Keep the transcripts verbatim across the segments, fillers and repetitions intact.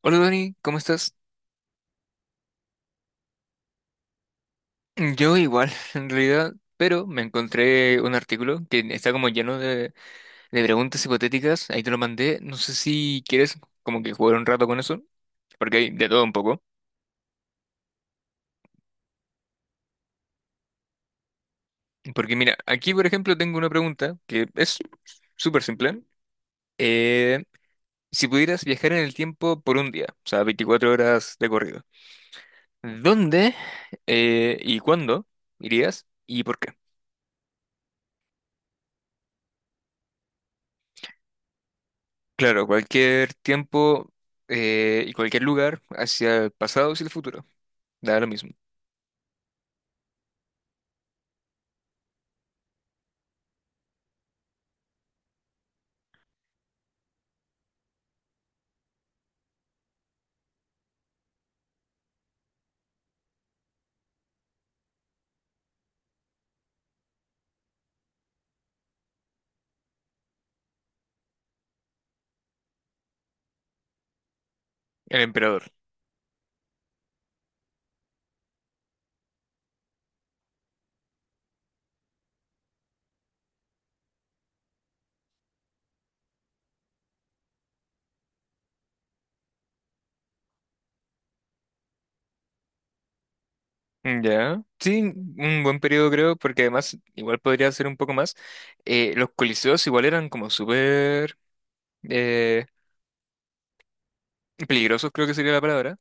Hola Dani, ¿cómo estás? Yo igual, en realidad, pero me encontré un artículo que está como lleno de, de preguntas hipotéticas, ahí te lo mandé, no sé si quieres como que jugar un rato con eso, porque hay de todo un poco. Porque mira, aquí por ejemplo tengo una pregunta que es súper simple. Eh, si pudieras viajar en el tiempo por un día, o sea, veinticuatro horas de corrido, ¿dónde eh, y cuándo irías y por qué? Claro, cualquier tiempo eh, y cualquier lugar hacia el pasado y el futuro. Da lo mismo. El emperador. Ya. Sí, un buen periodo creo, porque además igual podría ser un poco más. Eh, los coliseos igual eran como súper eh, peligrosos, creo que sería la palabra.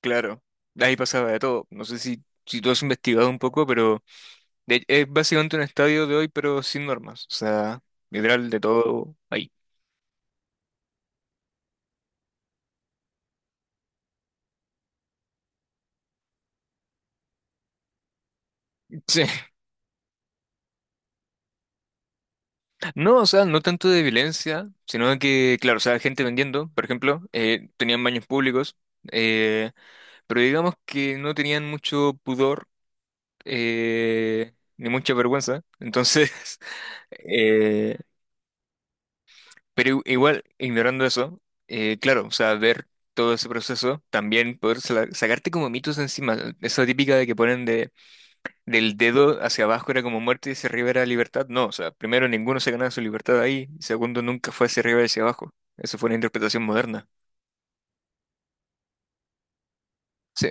Claro, ahí pasaba de todo. No sé si, si tú has investigado un poco, pero de- es básicamente un estadio de hoy, pero sin normas. O sea, literal de todo ahí. Sí. No, o sea, no tanto de violencia, sino que, claro, o sea, gente vendiendo, por ejemplo, eh, tenían baños públicos, eh, pero digamos que no tenían mucho pudor eh, ni mucha vergüenza. Entonces, eh, pero i- igual, ignorando eso, eh, claro, o sea, ver todo ese proceso, también poder sa- sacarte como mitos encima, esa típica de que ponen de del dedo hacia abajo era como muerte y hacia arriba era libertad. No, o sea, primero ninguno se ganaba su libertad ahí, y segundo nunca fue hacia arriba y hacia abajo. Eso fue una interpretación moderna. Sí.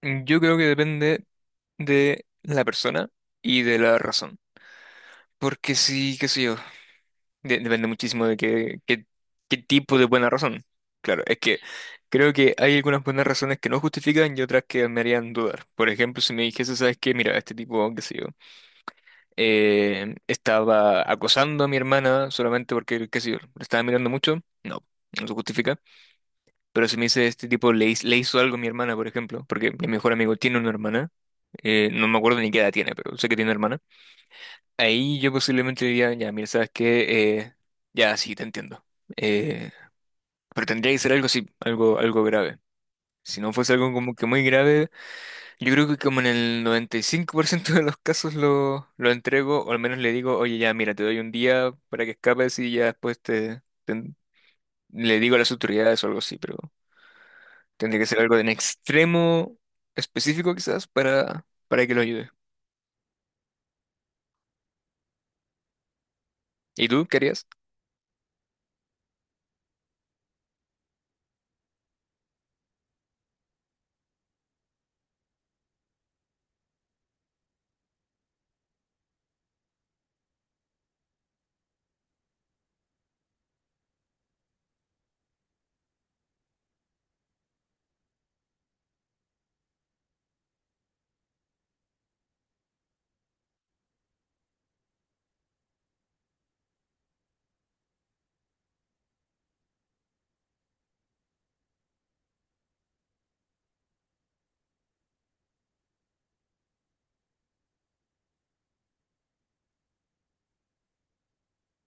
Mm, yo creo que depende de la persona y de la razón. Porque sí, qué sé yo, de- depende muchísimo de qué, qué, qué tipo de buena razón. Claro, es que creo que hay algunas buenas razones que no justifican y otras que me harían dudar. Por ejemplo, si me dijese, ¿sabes qué? Mira, este tipo, qué sé yo. Eh, estaba acosando a mi hermana solamente porque, qué sé yo, le estaba mirando mucho, no, no se justifica. Pero si me dice este tipo le, hiz- le hizo algo a mi hermana, por ejemplo, porque mi mejor amigo tiene una hermana, eh, no me acuerdo ni qué edad tiene, pero sé que tiene una hermana, ahí yo posiblemente diría, ya, mira, ¿sabes qué? Eh, ya, sí, te entiendo. Eh, pero tendría que ser algo así, algo, algo grave. Si no fuese algo como que muy grave, yo creo que como en el noventa y cinco por ciento de los casos lo, lo entrego, o al menos le digo, oye, ya, mira, te doy un día para que escapes y ya después te, te- le digo a las autoridades o algo así, pero tendría que ser algo de un extremo específico quizás para, para que lo ayude. ¿Y tú qué harías?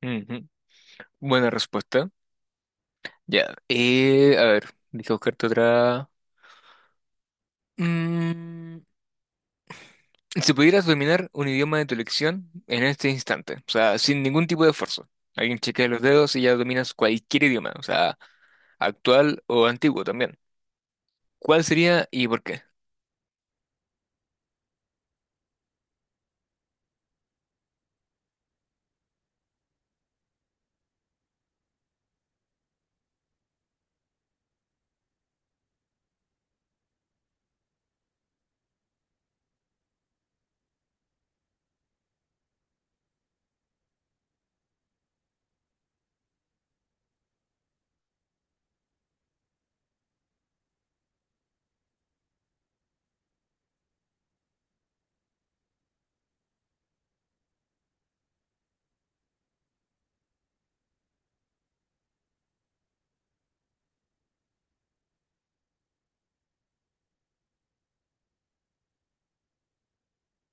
Ujú. Buena respuesta. Ya. Eh, a ver, deja buscarte otra. Mm, si pudieras dominar un idioma de tu elección en este instante, o sea, sin ningún tipo de esfuerzo. Alguien chequea los dedos y ya dominas cualquier idioma, o sea, actual o antiguo también. ¿Cuál sería y por qué?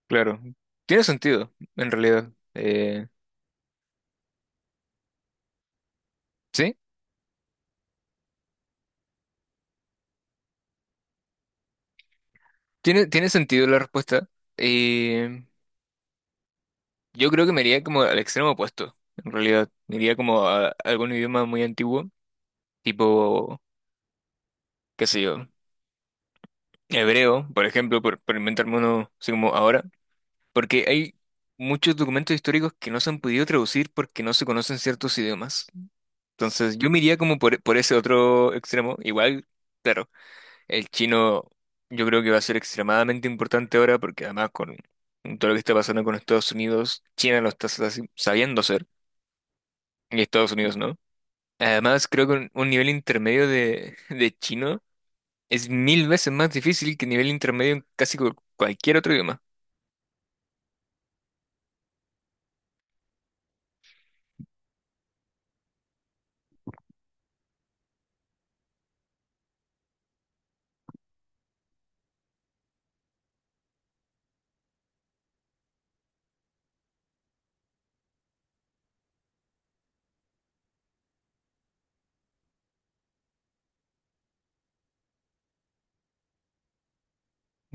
Claro, tiene sentido, en realidad. Eh, ¿sí? Tiene, tiene sentido la respuesta. Eh, yo creo que me iría como al extremo opuesto, en realidad. Me iría como a algún idioma muy antiguo, tipo, qué sé yo, hebreo, por ejemplo, por, por inventarme uno así como ahora. Porque hay muchos documentos históricos que no se han podido traducir porque no se conocen ciertos idiomas. Entonces, yo me iría como por, por ese otro extremo. Igual, claro, el chino yo creo que va a ser extremadamente importante ahora porque además con todo lo que está pasando con Estados Unidos, China lo está sa- sabiendo hacer y Estados Unidos no. Además, creo que un, un nivel intermedio de, de chino es mil veces más difícil que nivel intermedio en casi cu- cualquier otro idioma.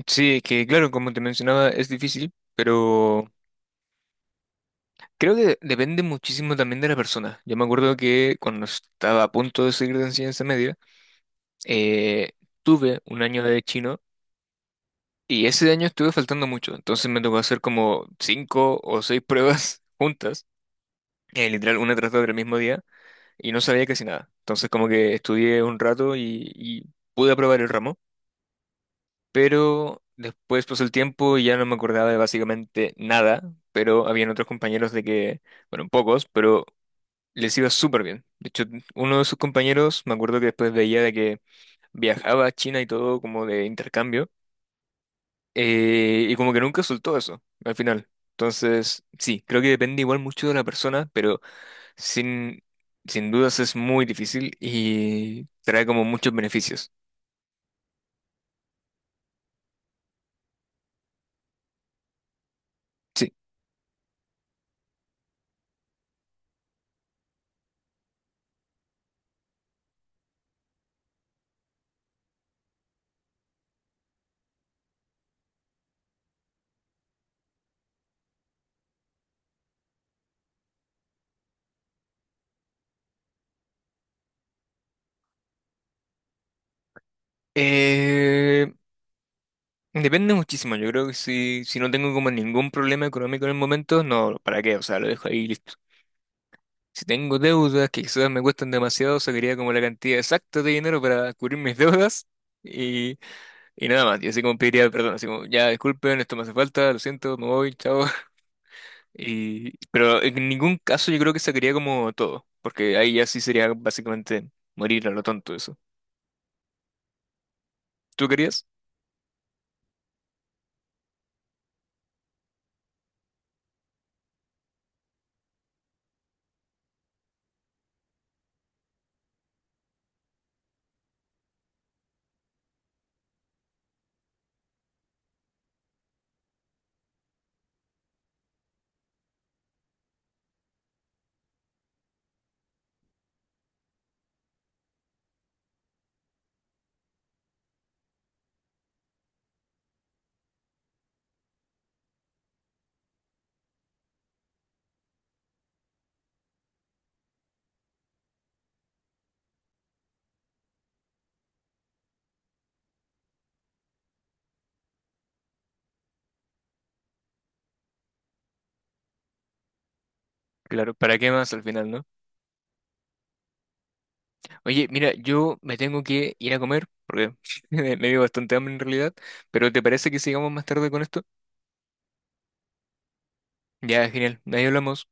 Sí, que claro, como te mencionaba, es difícil. Pero creo que depende muchísimo también de la persona. Yo me acuerdo que cuando estaba a punto de seguir de enseñanza media, eh, tuve un año de chino y ese año estuve faltando mucho. Entonces me tocó hacer como cinco o seis pruebas juntas, eh, literal una tras otra el mismo día, y no sabía casi nada. Entonces como que estudié un rato y, y pude aprobar el ramo, pero después pasó el tiempo y ya no me acordaba de básicamente nada, pero habían otros compañeros de que bueno, pocos, pero les iba súper bien. De hecho, uno de sus compañeros, me acuerdo que después veía de que viajaba a China y todo como de intercambio, eh, y como que nunca soltó eso al final. Entonces, sí, creo que depende igual mucho de la persona, pero sin, sin dudas es muy difícil y trae como muchos beneficios. Sí. Eh, depende muchísimo. Yo creo que si, si no tengo como ningún problema económico en el momento, no, ¿para qué? O sea, lo dejo ahí y listo. Si tengo deudas que quizás me cuestan demasiado, sacaría como la cantidad exacta de dinero para cubrir mis deudas y, y nada más. Y así como pediría perdón, así como, ya disculpen, esto me hace falta, lo siento, me voy, chao. Y, pero en ningún caso yo creo que sacaría como todo, porque ahí ya sí sería básicamente morir a lo tonto eso. ¿Tú querías? Claro, ¿para qué más al final, no? Oye, mira, yo me tengo que ir a comer, porque me, me dio bastante hambre en realidad, pero ¿te parece que sigamos más tarde con esto? Ya, genial, ahí hablamos.